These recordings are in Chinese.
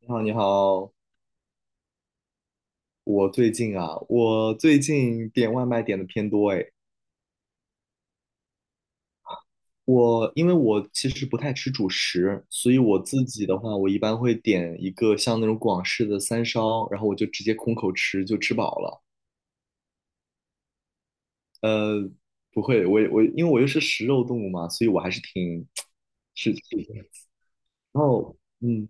你好，你好，我最近点外卖点的偏多诶。因为我其实不太吃主食，所以我自己的话，我一般会点一个像那种广式的三烧，然后我就直接空口吃，就吃饱了。呃，不会，我因为我又是食肉动物嘛，所以我还是挺 是，是，然后嗯。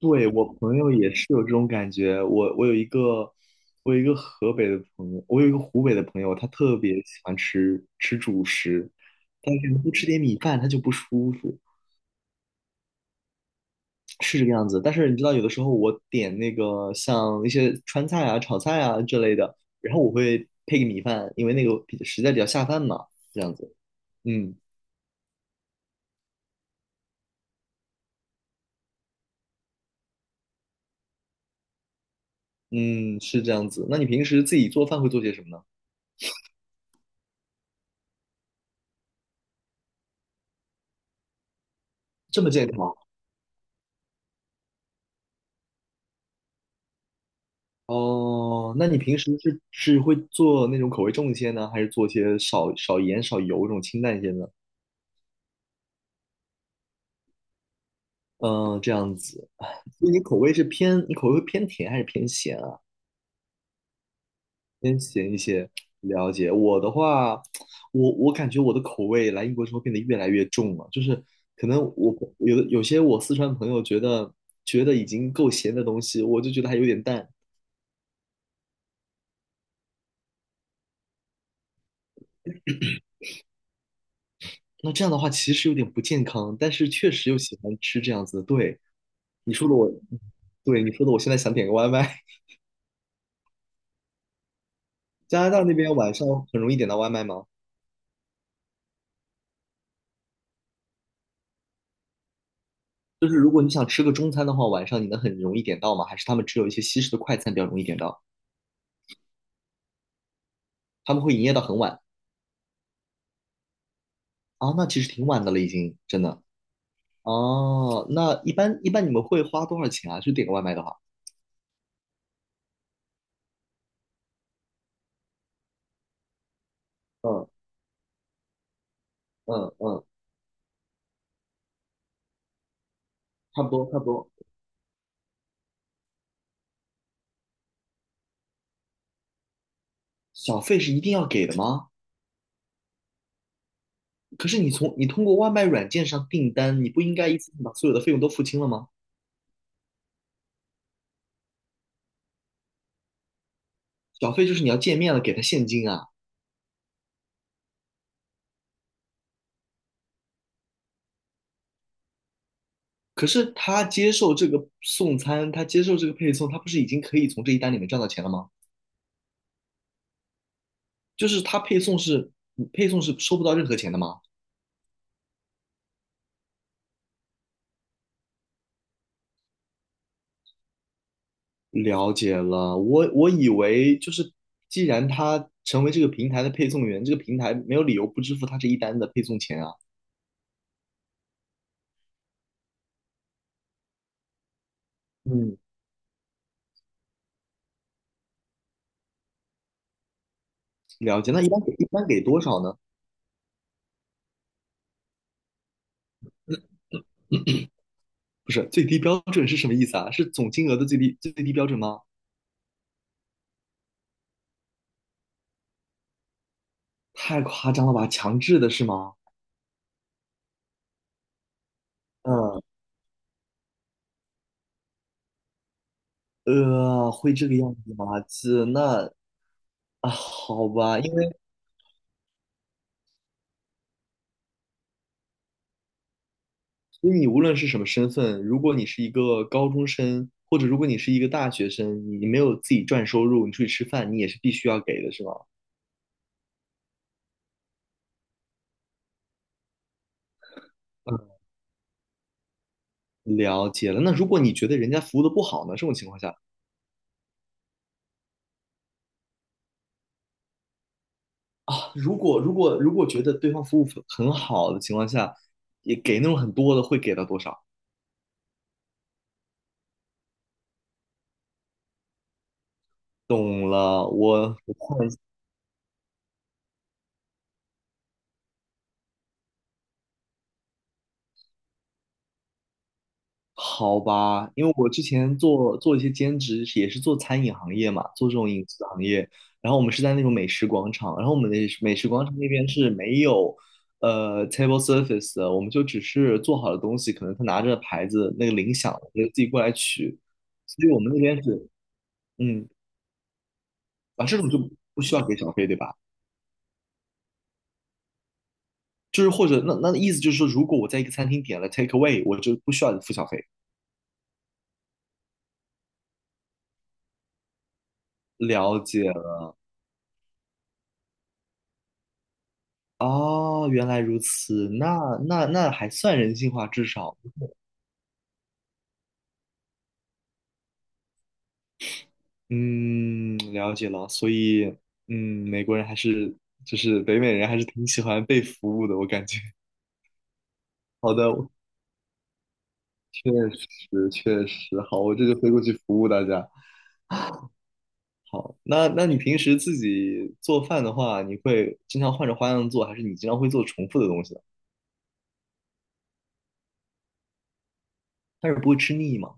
对，我朋友也是有这种感觉。我有一个河北的朋友，我有一个湖北的朋友，他特别喜欢吃主食，但是不吃点米饭他就不舒服，是这个样子。但是你知道，有的时候我点那个像一些川菜啊、炒菜啊之类的，然后我会配个米饭，因为那个比实在比较下饭嘛，这样子。嗯嗯，是这样子。那你平时自己做饭会做些什么呢？这么健康？哦，那你平时是会做那种口味重一些呢，还是做一些少盐少油这种清淡一些呢？嗯，这样子，所以你口味会偏甜还是偏咸啊？偏咸一些，了解。我的话，我感觉我的口味来英国之后变得越来越重了，就是可能我有些我四川朋友觉得已经够咸的东西，我就觉得还有点淡。那这样的话其实有点不健康，但是确实又喜欢吃这样子的，对。你说的我，对你说的，我现在想点个外卖。加拿大那边晚上很容易点到外卖吗？就是如果你想吃个中餐的话，晚上你能很容易点到吗？还是他们只有一些西式的快餐比较容易点到？他们会营业到很晚啊？那其实挺晚的了，已经真的。哦，那一般你们会花多少钱啊？就点个外卖的话，嗯嗯嗯，差不多差不多。小费是一定要给的吗？可是你通过外卖软件上订单，你不应该一次性把所有的费用都付清了吗？小费就是你要见面了给他现金啊。可是他接受这个送餐，他接受这个配送，他不是已经可以从这一单里面赚到钱了吗？就是他配送是配送是收不到任何钱的吗？了解了，我以为就是既然他成为这个平台的配送员，这个平台没有理由不支付他这一单的配送钱啊。嗯，了解。那一般给多少呢？不是最低标准是什么意思啊？是总金额的最低标准吗？太夸张了吧，强制的是吗？嗯，会这个样子吗？啊，好吧，因为所以你无论是什么身份，如果你是一个高中生，或者如果你是一个大学生，你没有自己赚收入，你出去吃饭，你也是必须要给的，是吗？嗯，了解了。那如果你觉得人家服务的不好呢？这种情况下啊，如果觉得对方服务很好的情况下，也给那种很多的，会给到多少？懂了，我我换好吧，因为我之前做一些兼职，也是做餐饮行业嘛，做这种饮食行业。然后我们是在那种美食广场，然后我们的美食广场那边是没有table service 的，我们就只是做好的东西，可能他拿着牌子那个铃响，我们就自己过来取。所以我们那边是嗯啊这种就不需要给小费对吧？就是或者那意思就是说，如果我在一个餐厅点了 take away，我就不需要付小费。了解，哦，原来如此，那还算人性化，至少，嗯，了解了。所以，嗯，美国人还是就是北美人还是挺喜欢被服务的，我感觉。好的，确实确实，好，我这就飞过去服务大家。好，那你平时自己做饭的话，你会经常换着花样做，还是你经常会做重复的东西呢？但是不会吃腻吗？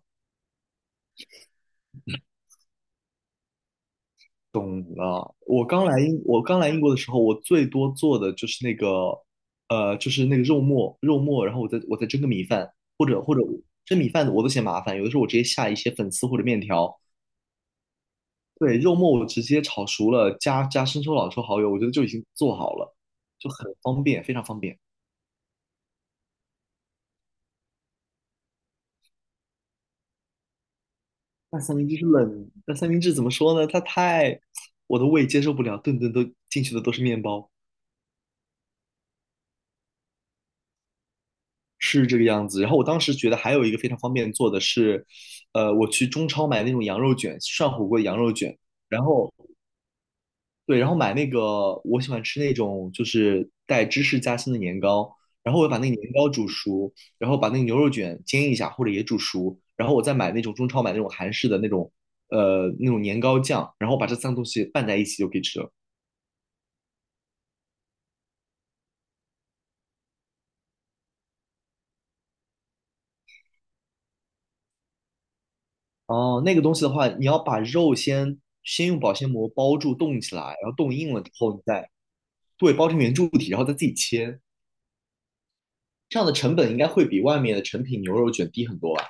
懂了。我刚来英国的时候，我最多做的就是那个，就是那个肉末，然后我再蒸个米饭，或者蒸米饭我都嫌麻烦，有的时候我直接下一些粉丝或者面条。对，肉末我直接炒熟了，加生抽、老抽、蚝油，我觉得就已经做好了，就很方便，非常方便。那三明治怎么说呢？我的胃接受不了，顿顿都进去的都是面包。是这个样子。然后我当时觉得还有一个非常方便做的是，我去中超买那种羊肉卷，涮火锅的羊肉卷，然后对，然后买那个我喜欢吃那种就是带芝士夹心的年糕，然后我把那个年糕煮熟，然后把那个牛肉卷煎一下或者也煮熟，然后我再买那种中超买那种韩式的那种年糕酱，然后把这三个东西拌在一起就可以吃了。哦，那个东西的话，你要把肉先用保鲜膜包住冻起来，然后冻硬了之后，对，包成圆柱体，然后再自己切，这样的成本应该会比外面的成品牛肉卷低很多吧？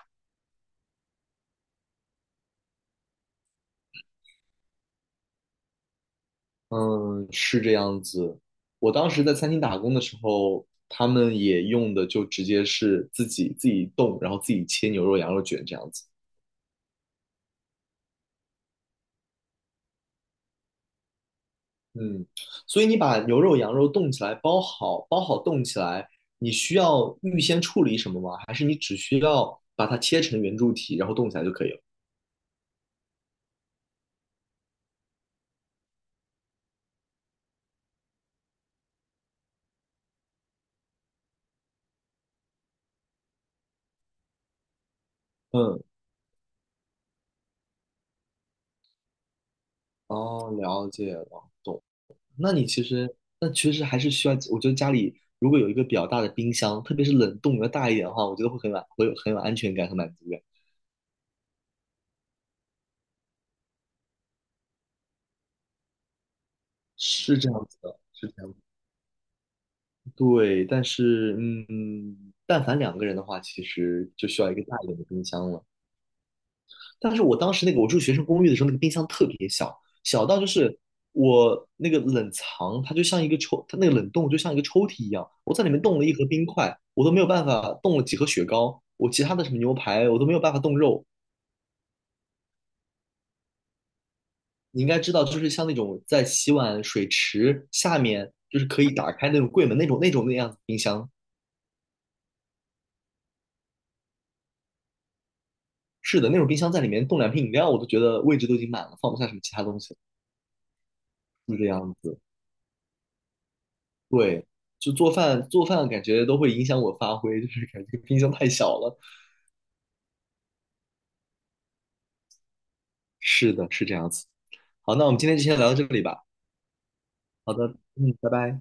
嗯，是这样子。我当时在餐厅打工的时候，他们也用的就直接是自己冻，然后自己切牛肉、羊肉卷这样子。嗯，所以你把牛肉、羊肉冻起来，包好冻起来，你需要预先处理什么吗？还是你只需要把它切成圆柱体，然后冻起来就可以了？嗯，哦，了解了，懂。那其实还是需要，我觉得家里如果有一个比较大的冰箱，特别是冷冻要大一点的话，我觉得会很满，会有很有安全感和满足感。是这样子的，是这样子的。对，但是，嗯，但凡两个人的话，其实就需要一个大一点的冰箱了。但是我当时那个我住学生公寓的时候，那个冰箱特别小，小到就是我那个冷藏，它那个冷冻就像一个抽屉一样，我在里面冻了一盒冰块，我都没有办法冻了几盒雪糕，我其他的什么牛排我都没有办法冻肉。你应该知道，就是像那种在洗碗水池下面，就是可以打开那种柜门那样子冰箱。是的，那种冰箱在里面冻两瓶饮料，我都觉得位置都已经满了，放不下什么其他东西，就这样子。对，就做饭感觉都会影响我发挥，就是感觉冰箱太小了。是的，是这样子。好，那我们今天就先聊到这里吧。好的，嗯，拜拜。